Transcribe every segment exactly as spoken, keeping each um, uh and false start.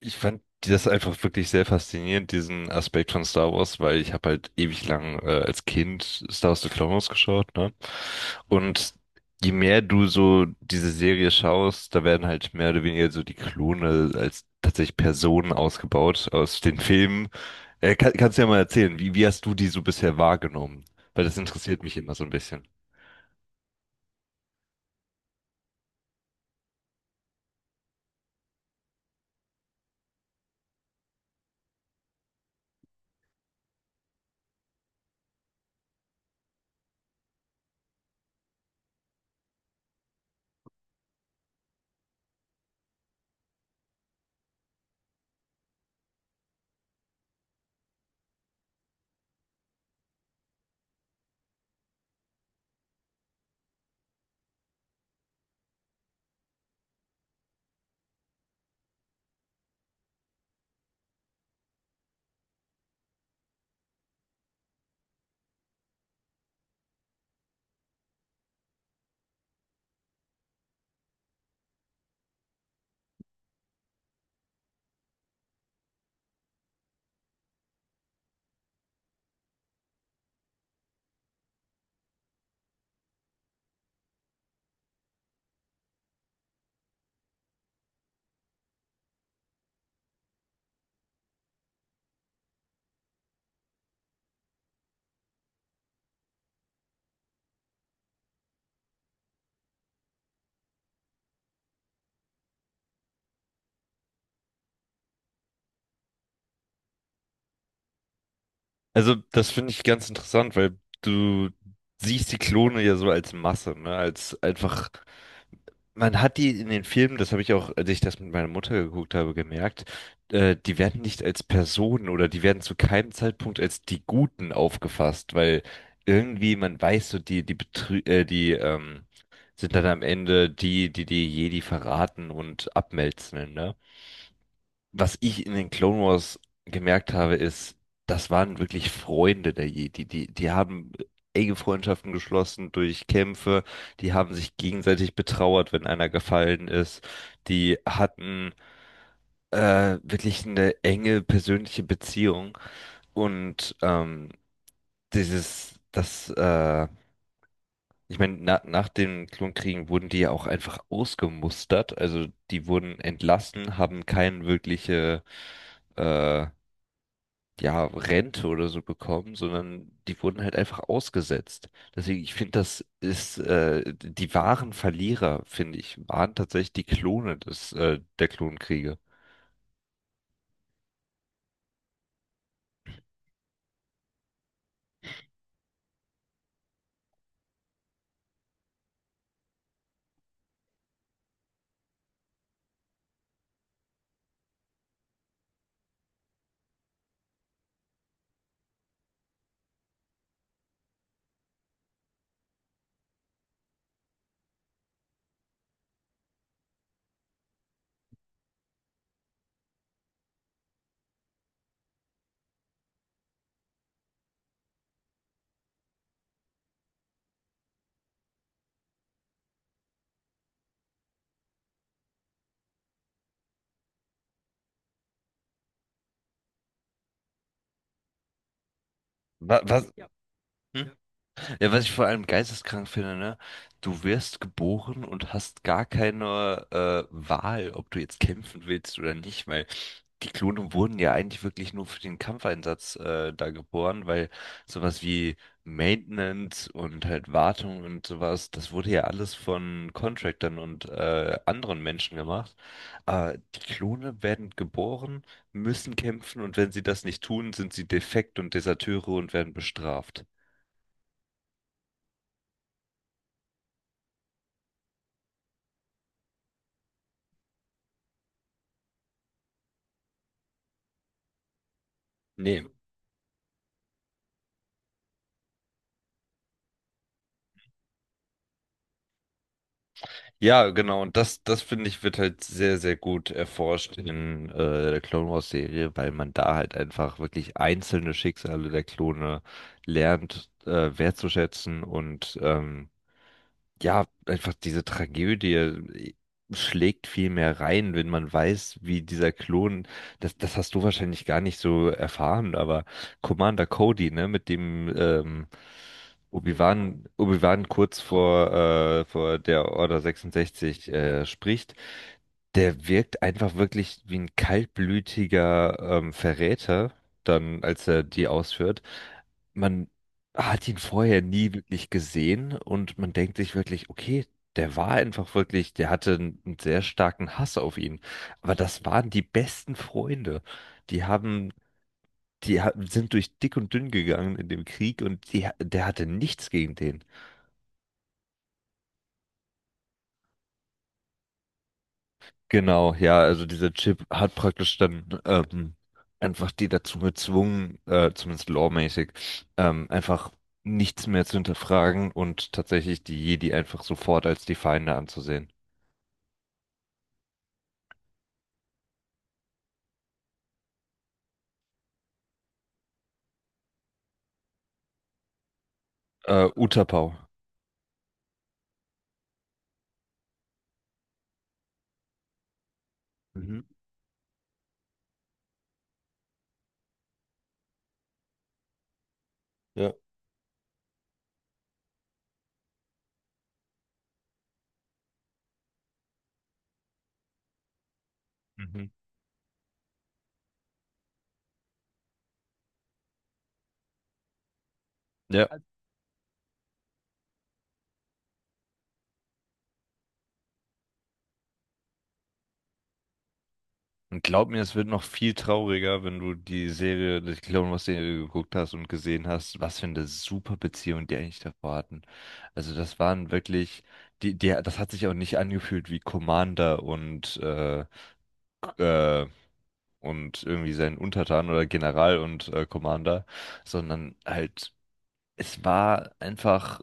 Ich fand das einfach wirklich sehr faszinierend, diesen Aspekt von Star Wars, weil ich habe halt ewig lang äh, als Kind Star Wars The Clone Wars geschaut, ne? Und je mehr du so diese Serie schaust, da werden halt mehr oder weniger so die Klone als tatsächlich Personen ausgebaut aus den Filmen. Äh, kann, kannst du ja mal erzählen, wie, wie hast du die so bisher wahrgenommen? Weil das interessiert mich immer so ein bisschen. Also, das finde ich ganz interessant, weil du siehst die Klone ja so als Masse, ne? Als einfach, man hat die in den Filmen, das habe ich auch, als ich das mit meiner Mutter geguckt habe, gemerkt, äh, die werden nicht als Personen oder die werden zu keinem Zeitpunkt als die Guten aufgefasst, weil irgendwie man weiß so, die, die Betrü äh, die, ähm, sind dann am Ende die, die die Jedi verraten und abmelzen, ne? Was ich in den Clone Wars gemerkt habe, ist, das waren wirklich Freunde der Jedi. Die, die haben enge Freundschaften geschlossen durch Kämpfe, die haben sich gegenseitig betrauert, wenn einer gefallen ist. Die hatten äh, wirklich eine enge persönliche Beziehung. Und ähm, dieses, das, äh, ich meine, na, nach den Klonkriegen wurden die ja auch einfach ausgemustert. Also die wurden entlassen, haben keine wirkliche äh, ja, Rente oder so bekommen, sondern die wurden halt einfach ausgesetzt. Deswegen, ich finde, das ist, äh, die wahren Verlierer, finde ich, waren tatsächlich die Klone des, äh, der Klonkriege. Was, was? Ja. Hm? Ja, was ich vor allem geisteskrank finde, ne? Du wirst geboren und hast gar keine äh, Wahl, ob du jetzt kämpfen willst oder nicht, weil die Klone wurden ja eigentlich wirklich nur für den Kampfeinsatz äh, da geboren, weil sowas wie Maintenance und halt Wartung und sowas, das wurde ja alles von Contractern und äh, anderen Menschen gemacht. Aber die Klone werden geboren, müssen kämpfen, und wenn sie das nicht tun, sind sie defekt und Deserteure und werden bestraft. Nee. Ja, genau. Und das, das finde ich, wird halt sehr, sehr gut erforscht in äh, der Clone Wars Serie, weil man da halt einfach wirklich einzelne Schicksale der Klone lernt äh, wertzuschätzen. Und ähm, ja, einfach diese Tragödie äh, schlägt viel mehr rein, wenn man weiß, wie dieser Klon, das, das hast du wahrscheinlich gar nicht so erfahren, aber Commander Cody, ne, mit dem ähm, Obi-Wan, Obi-Wan kurz vor, äh, vor der Order sechsundsechzig äh, spricht, der wirkt einfach wirklich wie ein kaltblütiger ähm, Verräter, dann, als er die ausführt. Man Ah, hat ihn vorher nie wirklich gesehen, und man denkt sich wirklich, okay, der war einfach wirklich, der hatte einen sehr starken Hass auf ihn. Aber das waren die besten Freunde. Die haben, die ha- Sind durch dick und dünn gegangen in dem Krieg, und die, der hatte nichts gegen den. Genau, ja, also dieser Chip hat praktisch dann ähm, einfach die dazu gezwungen, äh, zumindest lawmäßig, ähm, einfach nichts mehr zu hinterfragen und tatsächlich die Jedi einfach sofort als die Feinde anzusehen. Äh, Utapau. Mhm. Ja. Mhm. Ja, und glaub mir, es wird noch viel trauriger, wenn du die Serie, die Clone Wars Serie geguckt hast und gesehen hast, was für eine super Beziehung die eigentlich davor hatten. Also das waren wirklich, die, die, das hat sich auch nicht angefühlt wie Commander und äh, äh, und irgendwie sein Untertan oder General und äh, Commander, sondern halt, es war einfach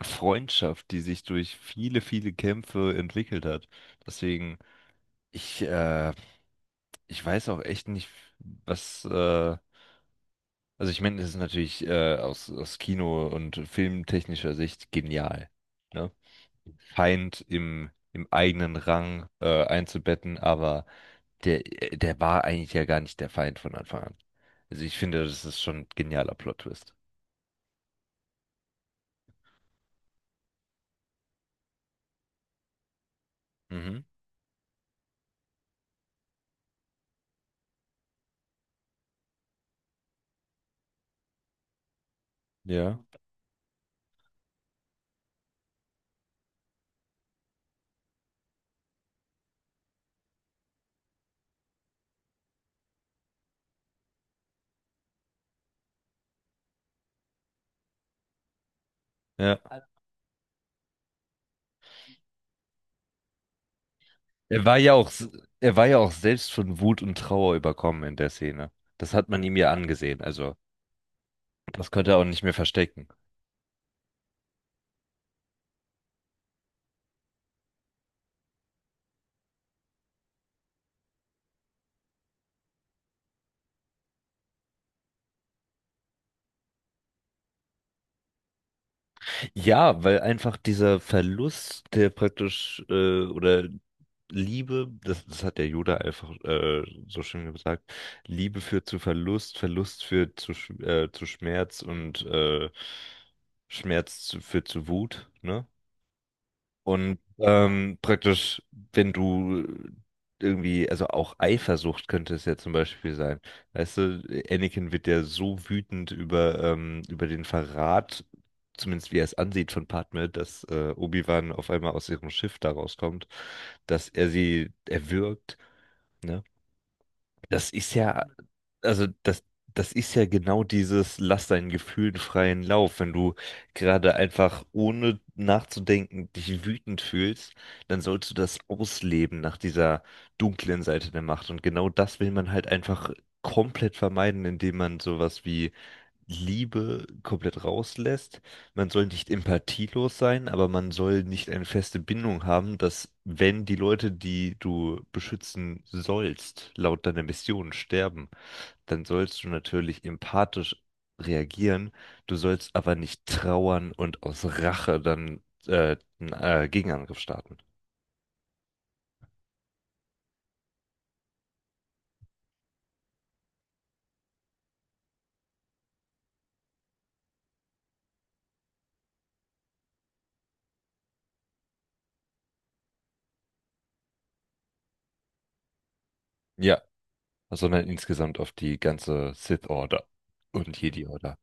Freundschaft, die sich durch viele, viele Kämpfe entwickelt hat. Deswegen. Ich, äh, ich weiß auch echt nicht, was, äh, also ich meine, das ist natürlich äh, aus, aus Kino- und filmtechnischer Sicht genial, ne? Feind im, im eigenen Rang äh, einzubetten, aber der, äh, der war eigentlich ja gar nicht der Feind von Anfang an. Also ich finde, das ist schon ein genialer Plot-Twist. Mhm. Ja, ja. Also, Er war ja auch, s- er war ja auch selbst von Wut und Trauer überkommen in der Szene. Das hat man ihm ja angesehen, also das konnte er auch nicht mehr verstecken. Ja, weil einfach dieser Verlust, der praktisch, äh, oder Liebe, das, das hat der Yoda einfach äh, so schön gesagt, Liebe führt zu Verlust, Verlust führt zu, Sch- äh, zu Schmerz, und äh, Schmerz zu, führt zu Wut, ne? Und ähm, praktisch, wenn du irgendwie, also auch Eifersucht könnte es ja zum Beispiel sein. Weißt du, Anakin wird ja so wütend über, ähm, über den Verrat, zumindest wie er es ansieht von Padme, dass äh, Obi-Wan auf einmal aus ihrem Schiff da rauskommt, dass er sie erwürgt. Ne? Das ist ja, also das, das ist ja genau dieses, lass deinen Gefühlen freien Lauf. Wenn du gerade einfach ohne nachzudenken dich wütend fühlst, dann sollst du das ausleben nach dieser dunklen Seite der Macht. Und genau das will man halt einfach komplett vermeiden, indem man sowas wie Liebe komplett rauslässt. Man soll nicht empathielos sein, aber man soll nicht eine feste Bindung haben, dass wenn die Leute, die du beschützen sollst, laut deiner Mission sterben, dann sollst du natürlich empathisch reagieren. Du sollst aber nicht trauern und aus Rache dann äh, einen äh, Gegenangriff starten. Ja, sondern insgesamt auf die ganze Sith Order und Jedi Order.